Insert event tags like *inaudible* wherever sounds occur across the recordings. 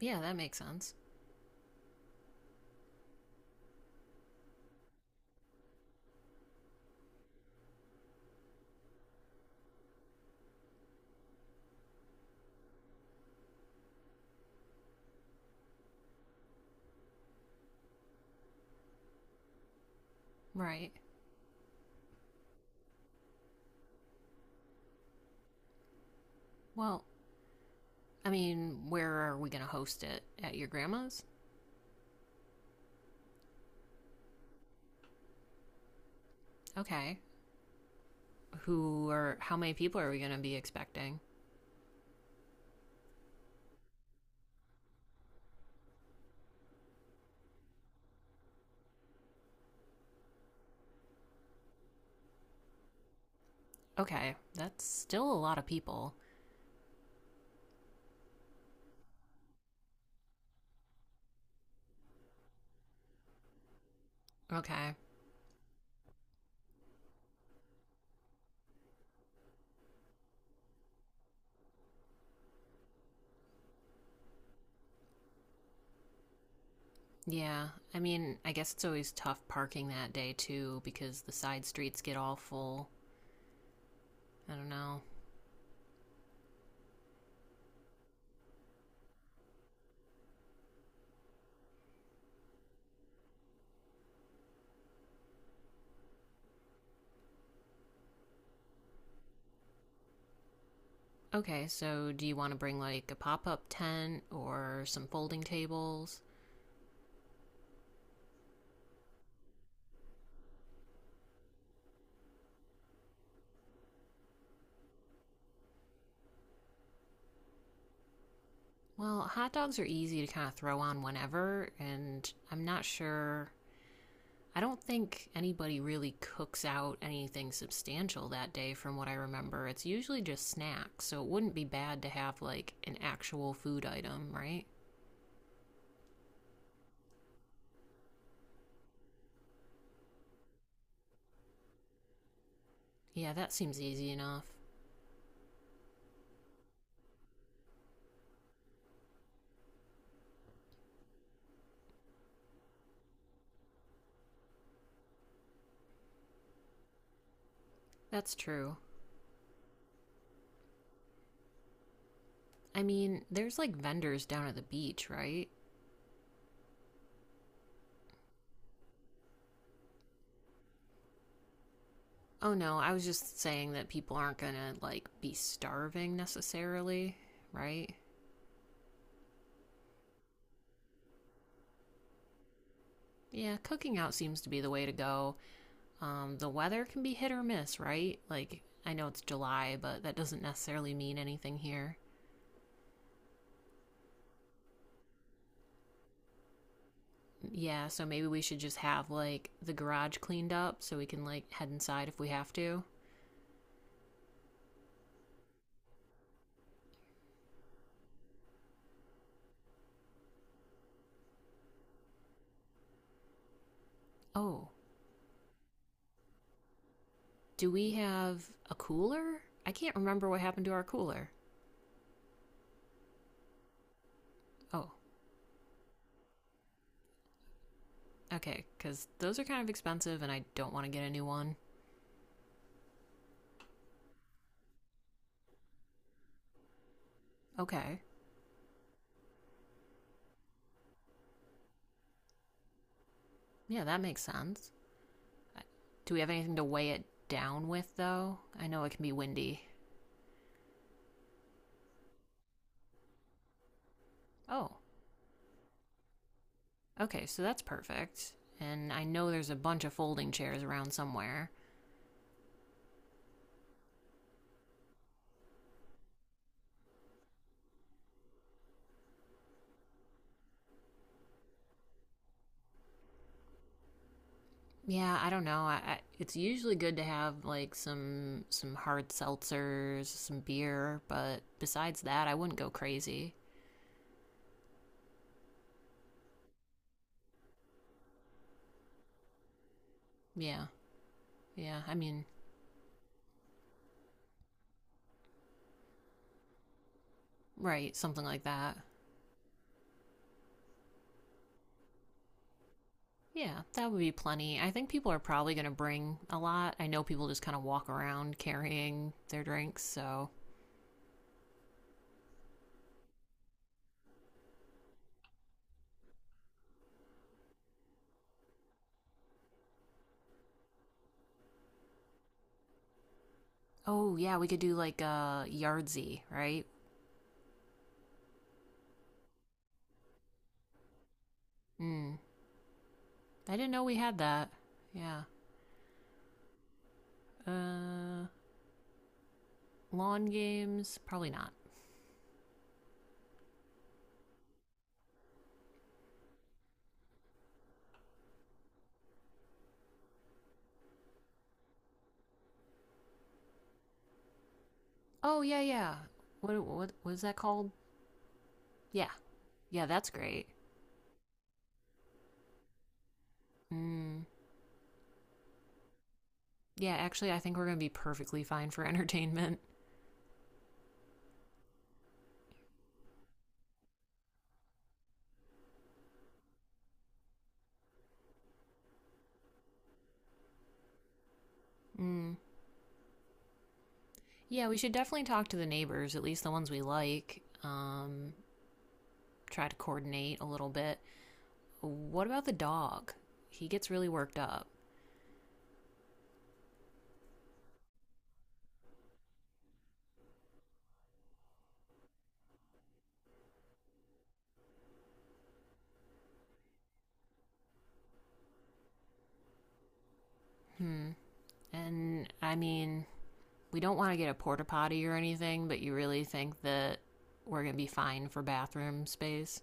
Yeah, that makes sense. Right. Well, I mean, where are we going to host it? At your grandma's? Okay. How many people are we going to be expecting? Okay. That's still a lot of people. Okay. Yeah. I mean, I guess it's always tough parking that day too because the side streets get all full. I don't know. Okay, so do you want to bring like a pop up tent or some folding tables? Well, hot dogs are easy to kind of throw on whenever, and I'm not sure I don't think anybody really cooks out anything substantial that day from what I remember. It's usually just snacks, so it wouldn't be bad to have like an actual food item, right? Yeah, that seems easy enough. That's true. I mean, there's like vendors down at the beach, right? Oh no, I was just saying that people aren't gonna like be starving necessarily, right? Yeah, cooking out seems to be the way to go. The weather can be hit or miss, right? Like, I know it's July, but that doesn't necessarily mean anything here. Yeah, so maybe we should just have, like, the garage cleaned up so we can, like, head inside if we have to. Oh, do we have a cooler? I can't remember what happened to our cooler. Oh, okay, because those are kind of expensive and I don't want to get a new one. Okay, yeah, that makes sense. Do we have anything to weigh it down with, though? I know it can be windy. Oh, okay, so that's perfect. And I know there's a bunch of folding chairs around somewhere. Yeah, I don't know. It's usually good to have like some hard seltzers, some beer, but besides that, I wouldn't go crazy. Yeah, yeah. I mean, right, something like that. Yeah, that would be plenty. I think people are probably going to bring a lot. I know people just kind of walk around carrying their drinks, so. Oh, yeah, we could do like a Yardsy, right? Mm. I didn't know we had that. Yeah. Uh, Lawn games? Probably not. Oh yeah, yeah. What is that called? Yeah, yeah, that's great. Mm. Yeah, actually, I think we're gonna be perfectly fine for *laughs* entertainment. Mm. Yeah, we should definitely talk to the neighbors, at least the ones we like. Try to coordinate a little bit. What about the dog? He gets really worked up. Hmm. And I mean, we don't want to get a porta potty or anything, but you really think that we're gonna be fine for bathroom space?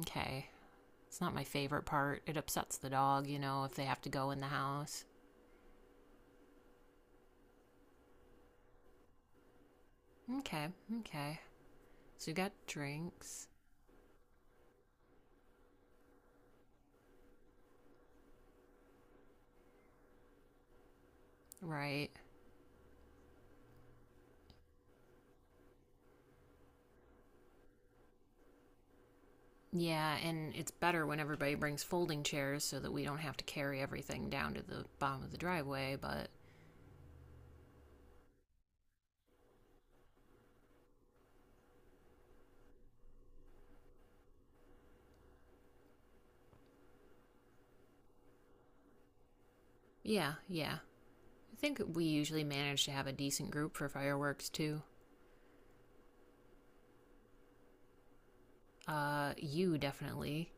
Okay. It's not my favorite part. It upsets the dog, you know, if they have to go in the house. Okay, okay. So you got drinks, right? Yeah, and it's better when everybody brings folding chairs so that we don't have to carry everything down to the bottom of the driveway, but yeah, yeah. I think we usually manage to have a decent group for fireworks too. You definitely.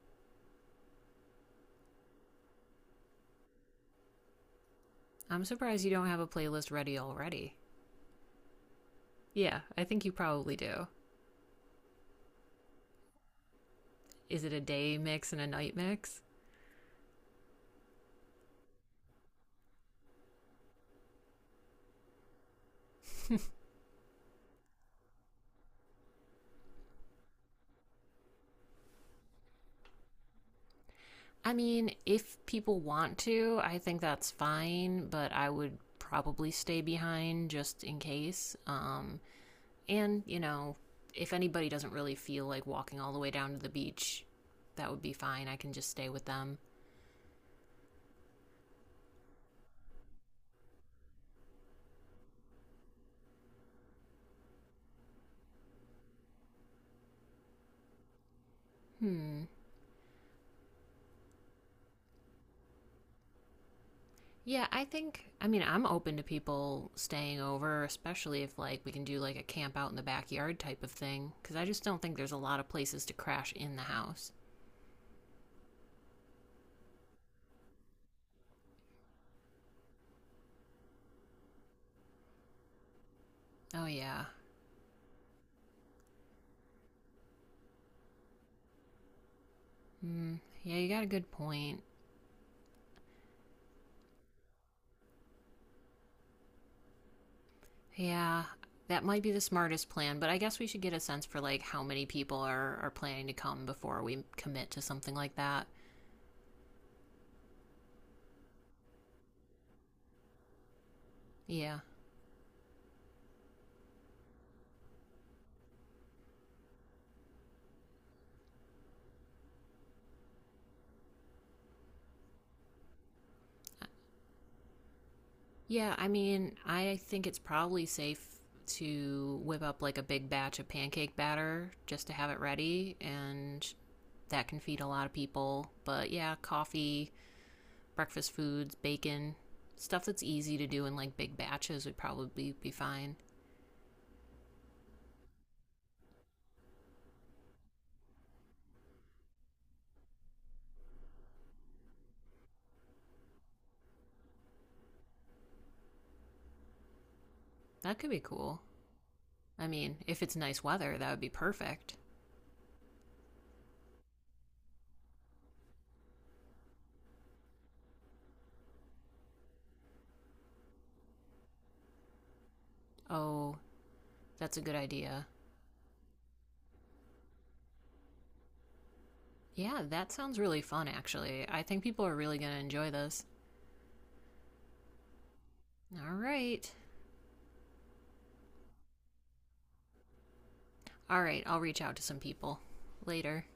I'm surprised you don't have a playlist ready already. Yeah, I think you probably do. Is it a day mix and a night mix? I mean, if people want to, I think that's fine, but I would probably stay behind just in case. And, you know, if anybody doesn't really feel like walking all the way down to the beach, that would be fine. I can just stay with them. Hmm. Yeah, I think, I mean, I'm open to people staying over, especially if, like, we can do, like, a camp out in the backyard type of thing, because I just don't think there's a lot of places to crash in the house. Oh, yeah. Hmm. Yeah, you got a good point. Yeah, that might be the smartest plan, but I guess we should get a sense for like how many people are planning to come before we commit to something like that. Yeah. Yeah, I mean, I think it's probably safe to whip up like a big batch of pancake batter just to have it ready and that can feed a lot of people. But yeah, coffee, breakfast foods, bacon, stuff that's easy to do in like big batches would probably be fine. That could be cool. I mean, if it's nice weather, that would be perfect. Oh, that's a good idea. Yeah, that sounds really fun, actually. I think people are really going to enjoy this. All right. All right, I'll reach out to some people later.